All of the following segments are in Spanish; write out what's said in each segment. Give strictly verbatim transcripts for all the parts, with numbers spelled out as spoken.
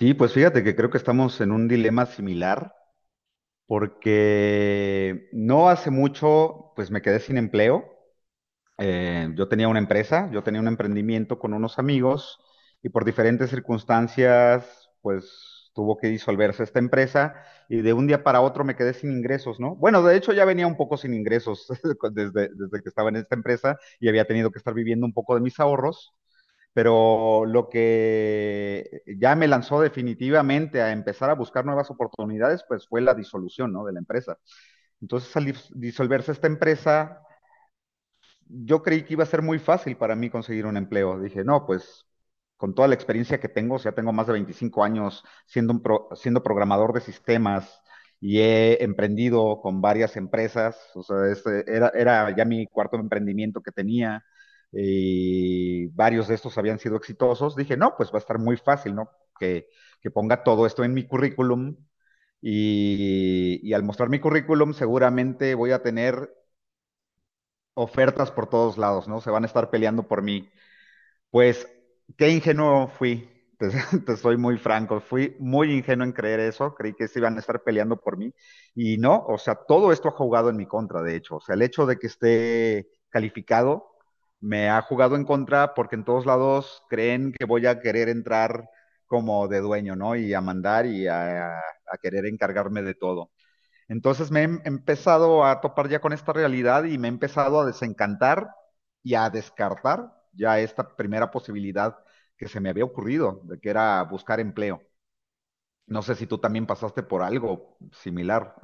Sí, pues fíjate que creo que estamos en un dilema similar porque no hace mucho pues me quedé sin empleo. Eh, yo tenía una empresa, yo tenía un emprendimiento con unos amigos y por diferentes circunstancias pues tuvo que disolverse esta empresa y de un día para otro me quedé sin ingresos, ¿no? Bueno, de hecho ya venía un poco sin ingresos desde, desde que estaba en esta empresa y había tenido que estar viviendo un poco de mis ahorros, pero lo que ya me lanzó definitivamente a empezar a buscar nuevas oportunidades, pues fue la disolución, ¿no? De la empresa. Entonces, al disolverse esta empresa, yo creí que iba a ser muy fácil para mí conseguir un empleo. Dije, no, pues con toda la experiencia que tengo, o sea, tengo más de veinticinco años siendo, un pro- siendo programador de sistemas y he emprendido con varias empresas, o sea, este era, era ya mi cuarto emprendimiento que tenía y varios de estos habían sido exitosos. Dije, no, pues va a estar muy fácil, ¿no? Que, que ponga todo esto en mi currículum. Y, y al mostrar mi currículum seguramente voy a tener ofertas por todos lados, ¿no? Se van a estar peleando por mí. Pues, qué ingenuo fui, te, te soy muy franco, fui muy ingenuo en creer eso, creí que se iban a estar peleando por mí y no, o sea, todo esto ha jugado en mi contra, de hecho, o sea, el hecho de que esté calificado me ha jugado en contra porque en todos lados creen que voy a querer entrar como de dueño, ¿no? Y a mandar y a, a querer encargarme de todo. Entonces me he em- empezado a topar ya con esta realidad y me he empezado a desencantar y a descartar ya esta primera posibilidad que se me había ocurrido, de que era buscar empleo. No sé si tú también pasaste por algo similar.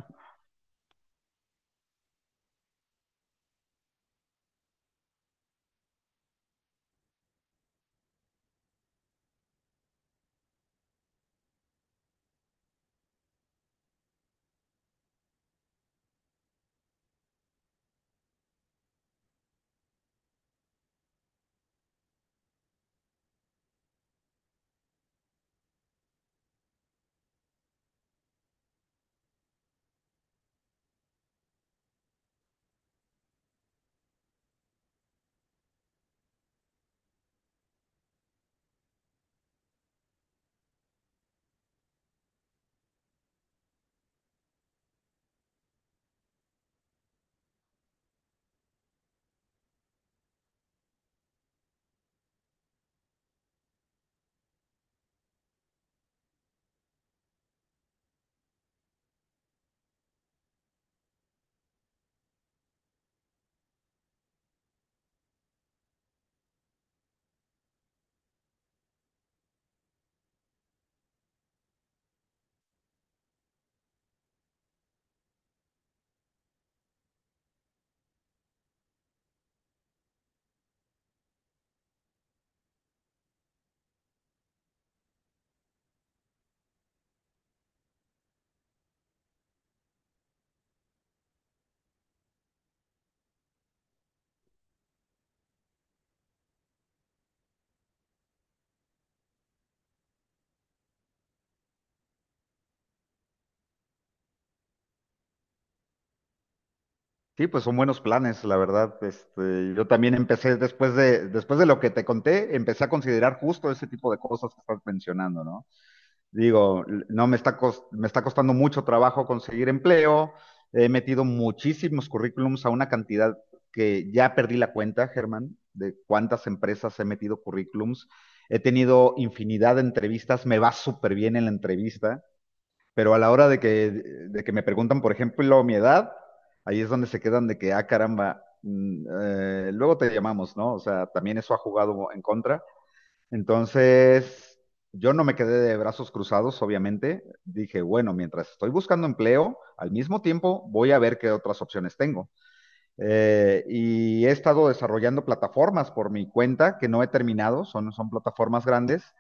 Sí, pues son buenos planes, la verdad. Este, yo también empecé después de, después de lo que te conté, empecé a considerar justo ese tipo de cosas que estás mencionando, ¿no? Digo, no me está, cos- me está costando mucho trabajo conseguir empleo. He metido muchísimos currículums a una cantidad que ya perdí la cuenta, Germán, de cuántas empresas he metido currículums. He tenido infinidad de entrevistas, me va súper bien en la entrevista, pero a la hora de que, de que me preguntan, por ejemplo, mi edad, ahí es donde se quedan de que, ah, caramba, mm, eh, luego te llamamos, ¿no? O sea, también eso ha jugado en contra. Entonces, yo no me quedé de brazos cruzados, obviamente. Dije, bueno, mientras estoy buscando empleo, al mismo tiempo voy a ver qué otras opciones tengo. Eh, y he estado desarrollando plataformas por mi cuenta que no he terminado, son, son plataformas grandes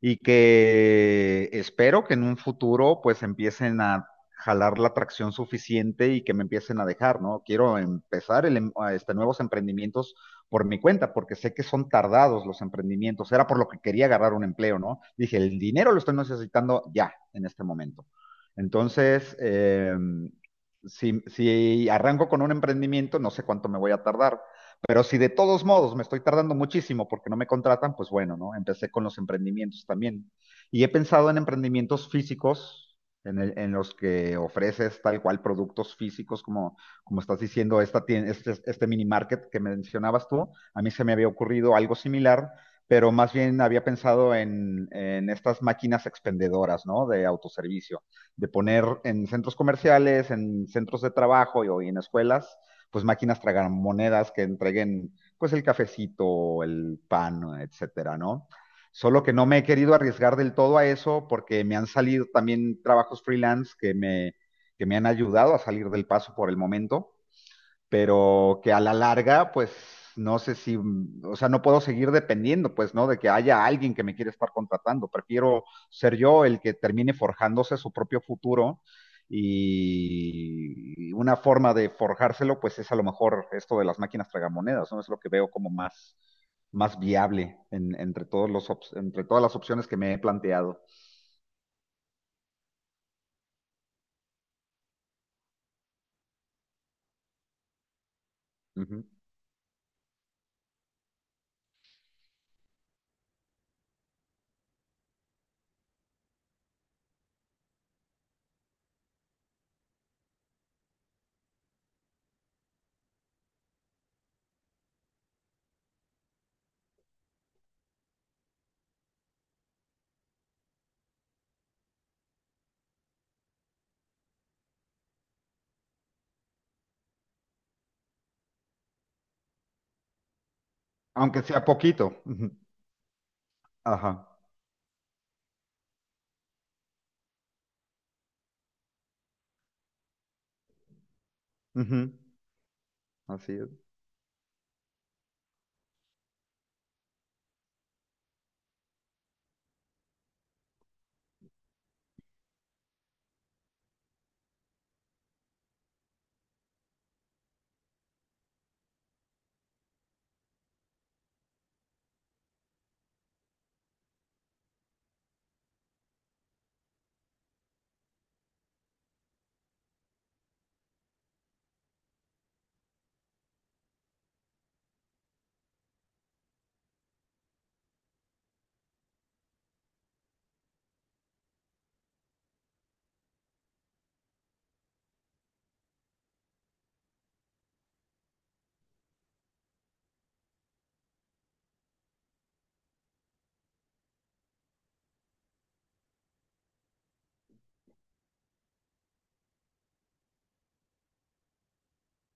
y que espero que en un futuro pues empiecen a jalar la tracción suficiente y que me empiecen a dejar, ¿no? Quiero empezar el em- a este, nuevos emprendimientos por mi cuenta, porque sé que son tardados los emprendimientos. Era por lo que quería agarrar un empleo, ¿no? Dije, el dinero lo estoy necesitando ya, en este momento. Entonces, em, si, si arranco con un emprendimiento, no sé cuánto me voy a tardar. Pero si de todos modos me estoy tardando muchísimo porque no me contratan, pues bueno, ¿no? Empecé con los emprendimientos también. Y he pensado en emprendimientos físicos, en, el- en los que ofreces tal cual productos físicos, como, como estás diciendo, esta tien- este, este mini market que mencionabas tú. A mí se me había ocurrido algo similar, pero más bien había pensado en, en estas máquinas expendedoras, ¿no? De autoservicio, de poner en centros comerciales, en centros de trabajo y, o en escuelas pues máquinas tragamonedas que entreguen pues el cafecito, el pan, etcétera, ¿no? Solo que no me he querido arriesgar del todo a eso porque me han salido también trabajos freelance que me, que me han ayudado a salir del paso por el momento, pero que a la larga, pues no sé si, mm, o sea, no puedo seguir dependiendo, pues, ¿no? De que haya alguien que me quiera estar contratando. Prefiero ser yo el que termine forjándose su propio futuro y una forma de forjárselo, pues es a lo mejor esto de las máquinas tragamonedas, ¿no? Es lo que veo como más, más viable en- entre todos los, op- entre todas las opciones que me he planteado. Ujú. Aunque sea poquito. Ujú. Ajá. Ujú. Así es.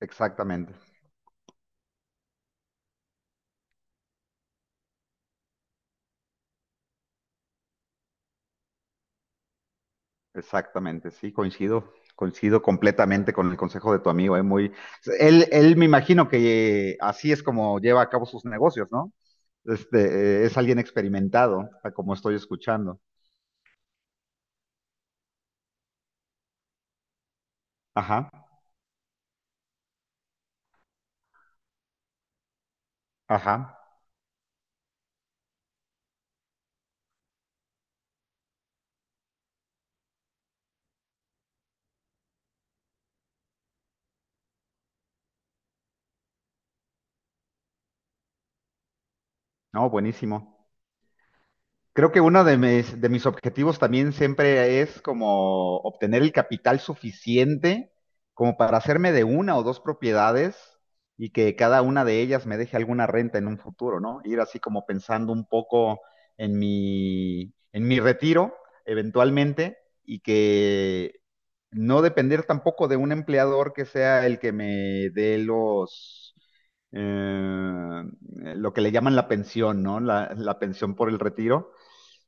Exactamente. Exactamente, sí, coincido, coincido completamente con el consejo de tu amigo, ¿eh? Muy, él, él me imagino que eh, así es como lleva a cabo sus negocios, ¿no? Este, eh, es alguien experimentado, a como estoy escuchando. Ajá, ajá, no, buenísimo. Creo que uno de mis, de mis objetivos también siempre es como obtener el capital suficiente como para hacerme de una o dos propiedades y que cada una de ellas me deje alguna renta en un futuro, ¿no? Ir así como pensando un poco en mi, en mi retiro eventualmente y que no depender tampoco de un empleador que sea el que me dé los eh, lo que le llaman la pensión, ¿no? La, la pensión por el retiro,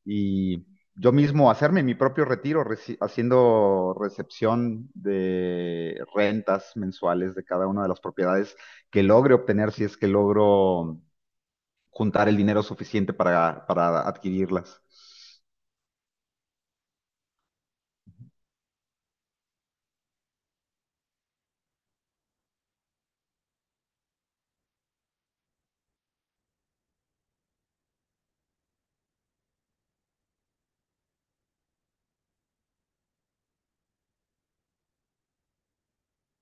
y yo mismo hacerme mi propio retiro, reci- haciendo recepción de rentas mensuales de cada una de las propiedades que logre obtener si es que logro juntar el dinero suficiente para, para adquirirlas.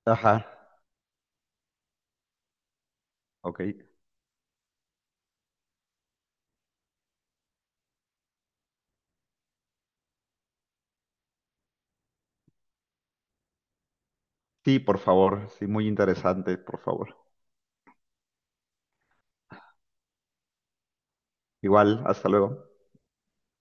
Ajá, ok. Sí, por favor, sí, muy interesante, por favor. Igual, hasta luego.